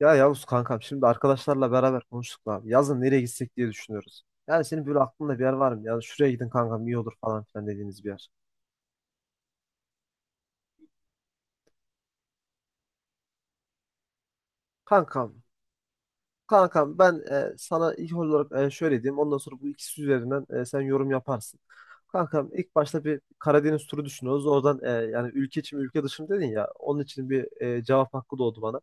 Ya Yavuz kankam şimdi arkadaşlarla beraber konuştuk da abi. Yazın nereye gitsek diye düşünüyoruz. Yani senin böyle aklında bir yer var mı? Yani şuraya gidin kankam iyi olur falan filan dediğiniz bir yer. Kankam, kankam, ben sana ilk olarak şöyle diyeyim. Ondan sonra bu ikisi üzerinden sen yorum yaparsın. Kankam ilk başta bir Karadeniz turu düşünüyoruz. Oradan yani ülke içi mi ülke dışı mı dedin ya. Onun için bir cevap hakkı doğdu bana.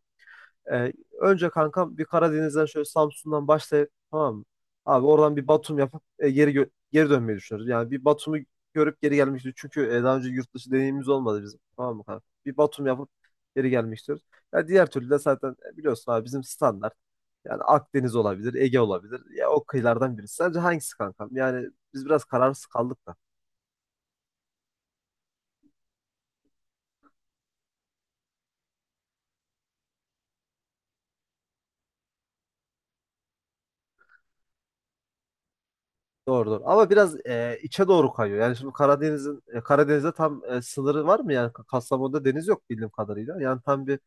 Ee, Önce kankam bir Karadeniz'den şöyle Samsun'dan başlayıp tamam mı? Abi oradan bir Batum yapıp geri dönmeyi düşünüyoruz. Yani bir Batum'u görüp geri gelmek istiyoruz. Çünkü daha önce yurt dışı deneyimimiz olmadı bizim. Tamam mı kanka? Bir Batum yapıp geri gelmek istiyoruz. Ya diğer türlü de zaten biliyorsun abi bizim standart. Yani Akdeniz olabilir, Ege olabilir. Ya o kıyılardan birisi. Sence hangisi kankam? Yani biz biraz kararsız kaldık. Doğrudur. Ama biraz içe doğru kayıyor. Yani şimdi Karadeniz'de tam sınırı var mı? Yani Kastamonu'da deniz yok bildiğim kadarıyla. Yani tam bir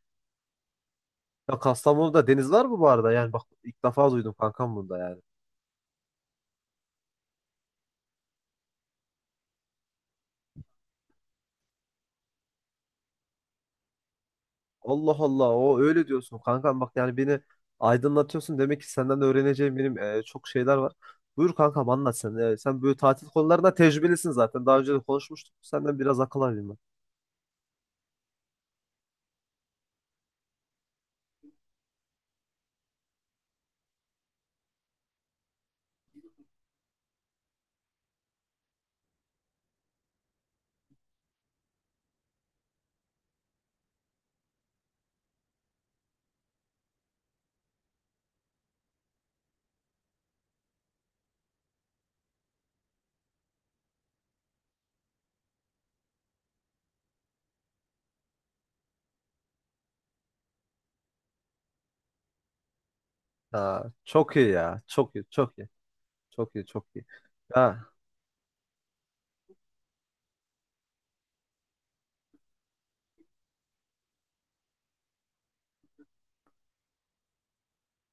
ya Kastamonu'da deniz var mı bu arada? Yani bak ilk defa duydum kankam bunda yani. Allah Allah o öyle diyorsun kankam bak yani beni aydınlatıyorsun. Demek ki senden öğreneceğim benim çok şeyler var. Buyur kankam anlat sen. E, sen böyle tatil konularında tecrübelisin zaten. Daha önce de konuşmuştuk. Senden biraz akıl alayım ben. Ha, çok iyi ya. Çok iyi. Çok iyi. Çok iyi. Çok iyi. Ya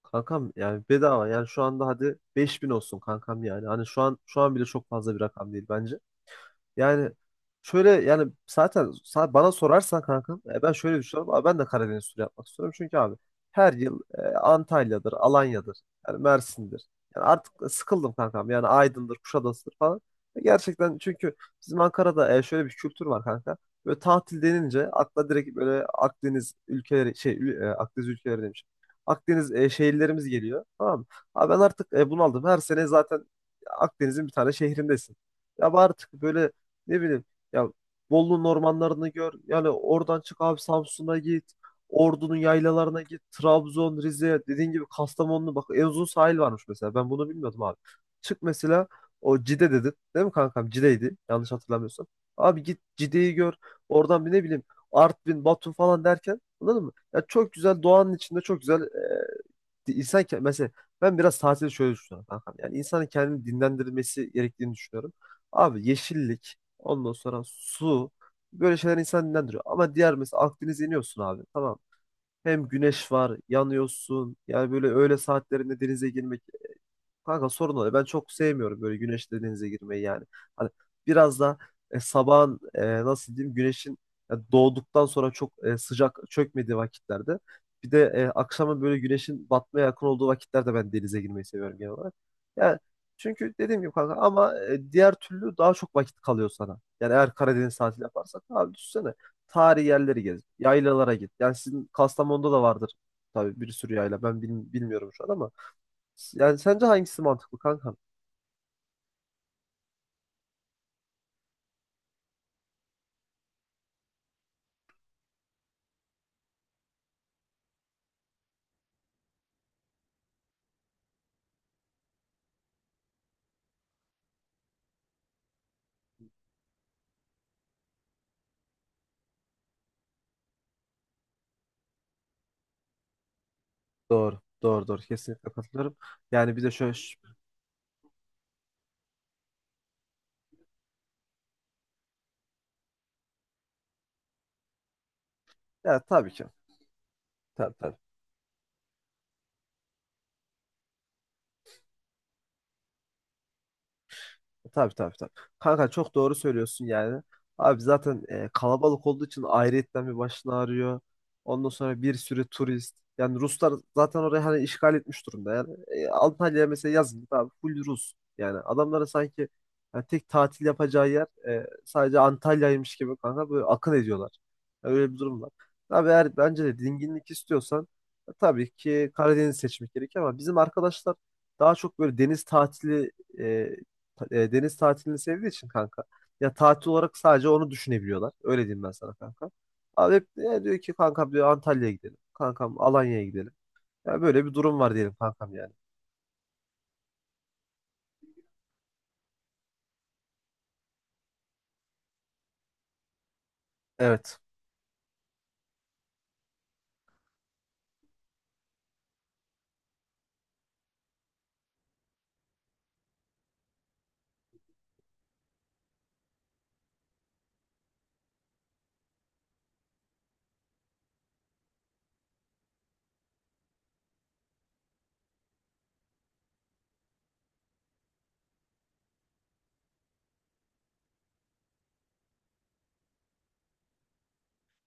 kankam yani bedava yani şu anda hadi 5.000 olsun kankam yani. Hani şu an bile çok fazla bir rakam değil bence. Yani şöyle yani zaten bana sorarsan kankam ben şöyle düşünüyorum. Abi ben de Karadeniz turu yapmak istiyorum. Çünkü abi her yıl Antalya'dır, Alanya'dır, yani Mersin'dir. Yani artık sıkıldım kankam. Yani Aydın'dır, Kuşadası'dır falan. Gerçekten çünkü bizim Ankara'da şöyle bir kültür var kanka. Böyle tatil denince akla direkt böyle Akdeniz ülkeleri demiş. Akdeniz şehirlerimiz geliyor. Tamam mı? Abi ben artık bunaldım. Her sene zaten Akdeniz'in bir tane şehrindesin. Ya bu artık böyle ne bileyim ya Bolu'nun ormanlarını gör. Yani oradan çık abi Samsun'a git. Ordu'nun yaylalarına git. Trabzon, Rize, dediğin gibi Kastamonu'nu bak en uzun sahil varmış mesela. Ben bunu bilmiyordum abi. Çık mesela o Cide dedin. Değil mi kankam? Cide'ydi. Yanlış hatırlamıyorsam. Abi git Cide'yi gör. Oradan bir ne bileyim Artvin, Batum falan derken anladın mı? Ya çok güzel doğanın içinde çok güzel mesela ben biraz tatili şöyle düşünüyorum kankam. Yani insanın kendini dinlendirmesi gerektiğini düşünüyorum. Abi yeşillik, ondan sonra su böyle şeyler insanı dinlendiriyor. Ama diğer mesela Akdeniz'e iniyorsun abi tamam. Hem güneş var, yanıyorsun. Yani böyle öğle saatlerinde denize girmek kanka sorun oluyor. Ben çok sevmiyorum böyle güneşli denize girmeyi yani. Hani biraz da sabahın nasıl diyeyim güneşin doğduktan sonra çok sıcak çökmediği vakitlerde. Bir de akşamın böyle güneşin batmaya yakın olduğu vakitlerde ben denize girmeyi seviyorum genel olarak. Yani çünkü dediğim gibi kanka ama diğer türlü daha çok vakit kalıyor sana. Yani eğer Karadeniz tatili yaparsak abi düşünsene. Tarihi yerleri gez, yaylalara git. Yani sizin Kastamonu'da da vardır tabii bir sürü yayla. Ben bilmiyorum şu an ama. Yani sence hangisi mantıklı kanka? Doğru. Doğru, doğru. Kesinlikle katılıyorum. Yani bir de şöyle. Ya tabii ki. Tabii tabii. Tabii, tabii, tabii. Kanka çok doğru söylüyorsun yani. Abi zaten kalabalık olduğu için ayrıyetten bir başını ağrıyor. Ondan sonra bir sürü turist. Yani Ruslar zaten orayı hani işgal etmiş durumda. Yani Antalya'ya mesela yazın abi full Rus. Yani adamlara sanki yani tek tatil yapacağı yer sadece Antalya'ymış gibi kanka böyle akın ediyorlar. Yani öyle bir durum var. Abi eğer bence de dinginlik istiyorsan tabii ki Karadeniz seçmek gerek ama bizim arkadaşlar daha çok böyle e, deniz tatilini sevdiği için kanka. Ya tatil olarak sadece onu düşünebiliyorlar. Öyle diyeyim ben sana kanka. Abi hep diyor ki kankam diyor Antalya'ya gidelim. Kankam Alanya'ya gidelim. Ya böyle bir durum var diyelim kankam yani. Evet.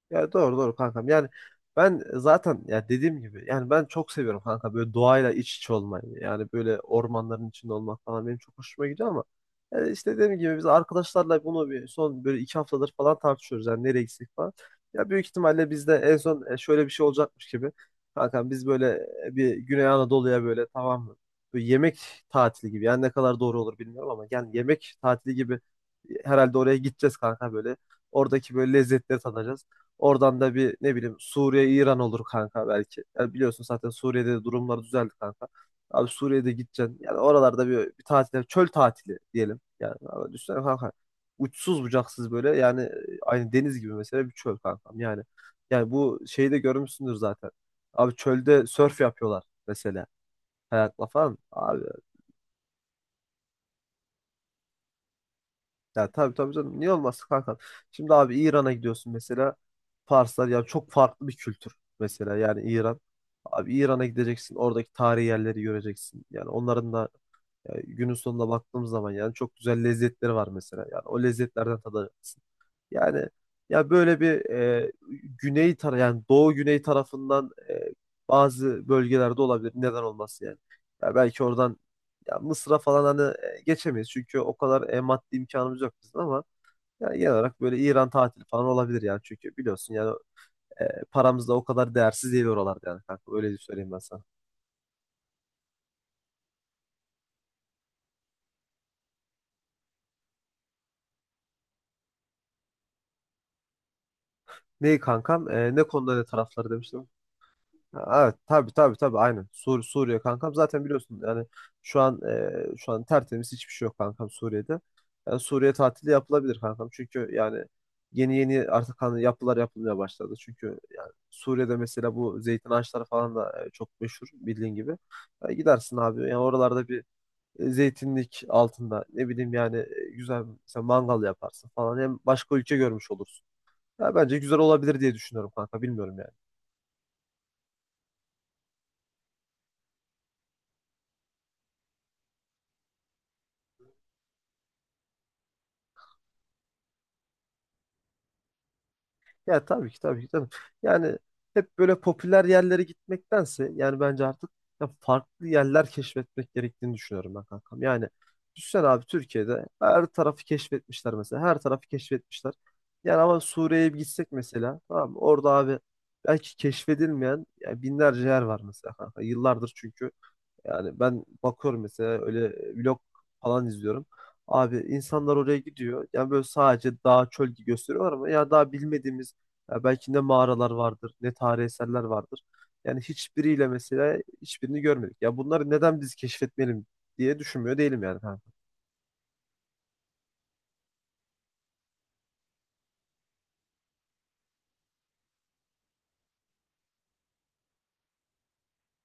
Ya doğru doğru kankam. Yani ben zaten ya dediğim gibi yani ben çok seviyorum kanka böyle doğayla iç içe olmayı. Yani böyle ormanların içinde olmak falan benim çok hoşuma gidiyor ama yani işte dediğim gibi biz arkadaşlarla bunu bir son böyle iki haftadır falan tartışıyoruz. Yani nereye gitsek falan. Ya büyük ihtimalle bizde en son şöyle bir şey olacakmış gibi. Kankam biz böyle bir Güney Anadolu'ya böyle tamam mı? Böyle yemek tatili gibi. Yani ne kadar doğru olur bilmiyorum ama yani yemek tatili gibi herhalde oraya gideceğiz kanka böyle. Oradaki böyle lezzetleri tadacağız. Oradan da bir ne bileyim Suriye, İran olur kanka belki. Yani biliyorsun zaten Suriye'de de durumlar düzeldi kanka. Abi Suriye'de gideceksin. Yani oralarda bir tatil, çöl tatili diyelim. Yani abi düşünsene kanka. Uçsuz bucaksız böyle yani aynı deniz gibi mesela bir çöl kankam. Yani yani bu şeyi de görmüşsündür zaten. Abi çölde sörf yapıyorlar mesela. Kayakla falan. Abi, ya tabii tabii canım. Niye olmasın kanka? Şimdi abi İran'a gidiyorsun mesela. Farslar ya çok farklı bir kültür mesela yani İran. Abi İran'a gideceksin, oradaki tarihi yerleri göreceksin. Yani onların da günün sonunda baktığımız zaman yani çok güzel lezzetleri var mesela. Yani o lezzetlerden tadacaksın. Yani ya böyle bir e, güney tara yani doğu güney tarafından bazı bölgelerde olabilir. Neden olmasın yani? Ya belki oradan ya Mısır'a falan hani geçemeyiz çünkü o kadar maddi imkanımız yok bizim ama yani genel olarak böyle İran tatili falan olabilir yani. Çünkü biliyorsun yani paramız da o kadar değersiz değil oralarda yani kanka. Öyle söyleyeyim ben sana. Neyi kankam? E, ne konuda ne tarafları demiştim. Ha, evet, tabii, tabii, tabii, aynen. Suriye kankam zaten biliyorsun yani şu an tertemiz hiçbir şey yok kankam Suriye'de. Yani Suriye tatili yapılabilir kankam. Çünkü yani yeni yeni artık hani yapılar yapılmaya başladı. Çünkü yani Suriye'de mesela bu zeytin ağaçları falan da çok meşhur bildiğin gibi. Ya gidersin abi. Yani oralarda bir zeytinlik altında ne bileyim yani güzel mesela mangal yaparsın falan hem başka ülke görmüş olursun. Ya bence güzel olabilir diye düşünüyorum kanka bilmiyorum yani. Ya tabii ki tabii ki canım. Yani hep böyle popüler yerlere gitmektense yani bence artık ya farklı yerler keşfetmek gerektiğini düşünüyorum ben kankam. Yani düşünsene abi Türkiye'de her tarafı keşfetmişler mesela. Her tarafı keşfetmişler. Yani ama Suriye'ye bir gitsek mesela tamam mı? Orada abi belki keşfedilmeyen ya binlerce yer var mesela kanka. Yıllardır çünkü yani ben bakıyorum mesela öyle vlog falan izliyorum. Abi insanlar oraya gidiyor. Yani böyle sadece dağ çöl gibi gösteriyorlar ama ya daha bilmediğimiz ya belki ne mağaralar vardır, ne tarihi eserler vardır. Yani hiçbiriyle mesela hiçbirini görmedik. Ya bunları neden biz keşfetmeyelim diye düşünmüyor değilim yani. Ha.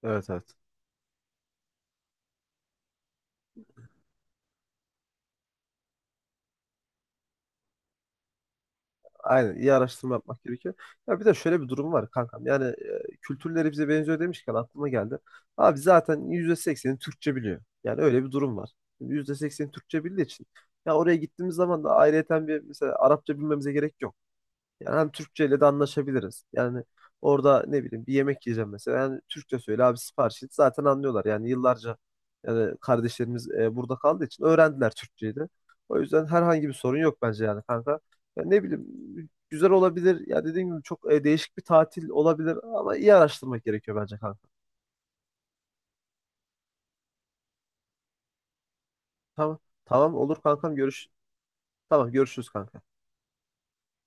Evet, evet. Aynen, iyi araştırma yapmak gerekiyor. Ya bir de şöyle bir durum var kankam. Yani kültürleri bize benziyor demişken aklıma geldi. Abi zaten %80'i Türkçe biliyor. Yani öyle bir durum var. Şimdi %80'i Türkçe bildiği için. Ya oraya gittiğimiz zaman da ayrıyeten bir mesela Arapça bilmemize gerek yok. Yani hem Türkçe ile de anlaşabiliriz. Yani orada ne bileyim bir yemek yiyeceğim mesela. Yani Türkçe söyle abi sipariş et. Zaten anlıyorlar. Yani yıllarca yani kardeşlerimiz burada kaldığı için öğrendiler Türkçeyi de. O yüzden herhangi bir sorun yok bence yani kanka. Ya ne bileyim güzel olabilir. Ya dediğim gibi çok değişik bir tatil olabilir ama iyi araştırmak gerekiyor bence kanka. Tamam. Tamam olur kankam görüş. Tamam görüşürüz kanka.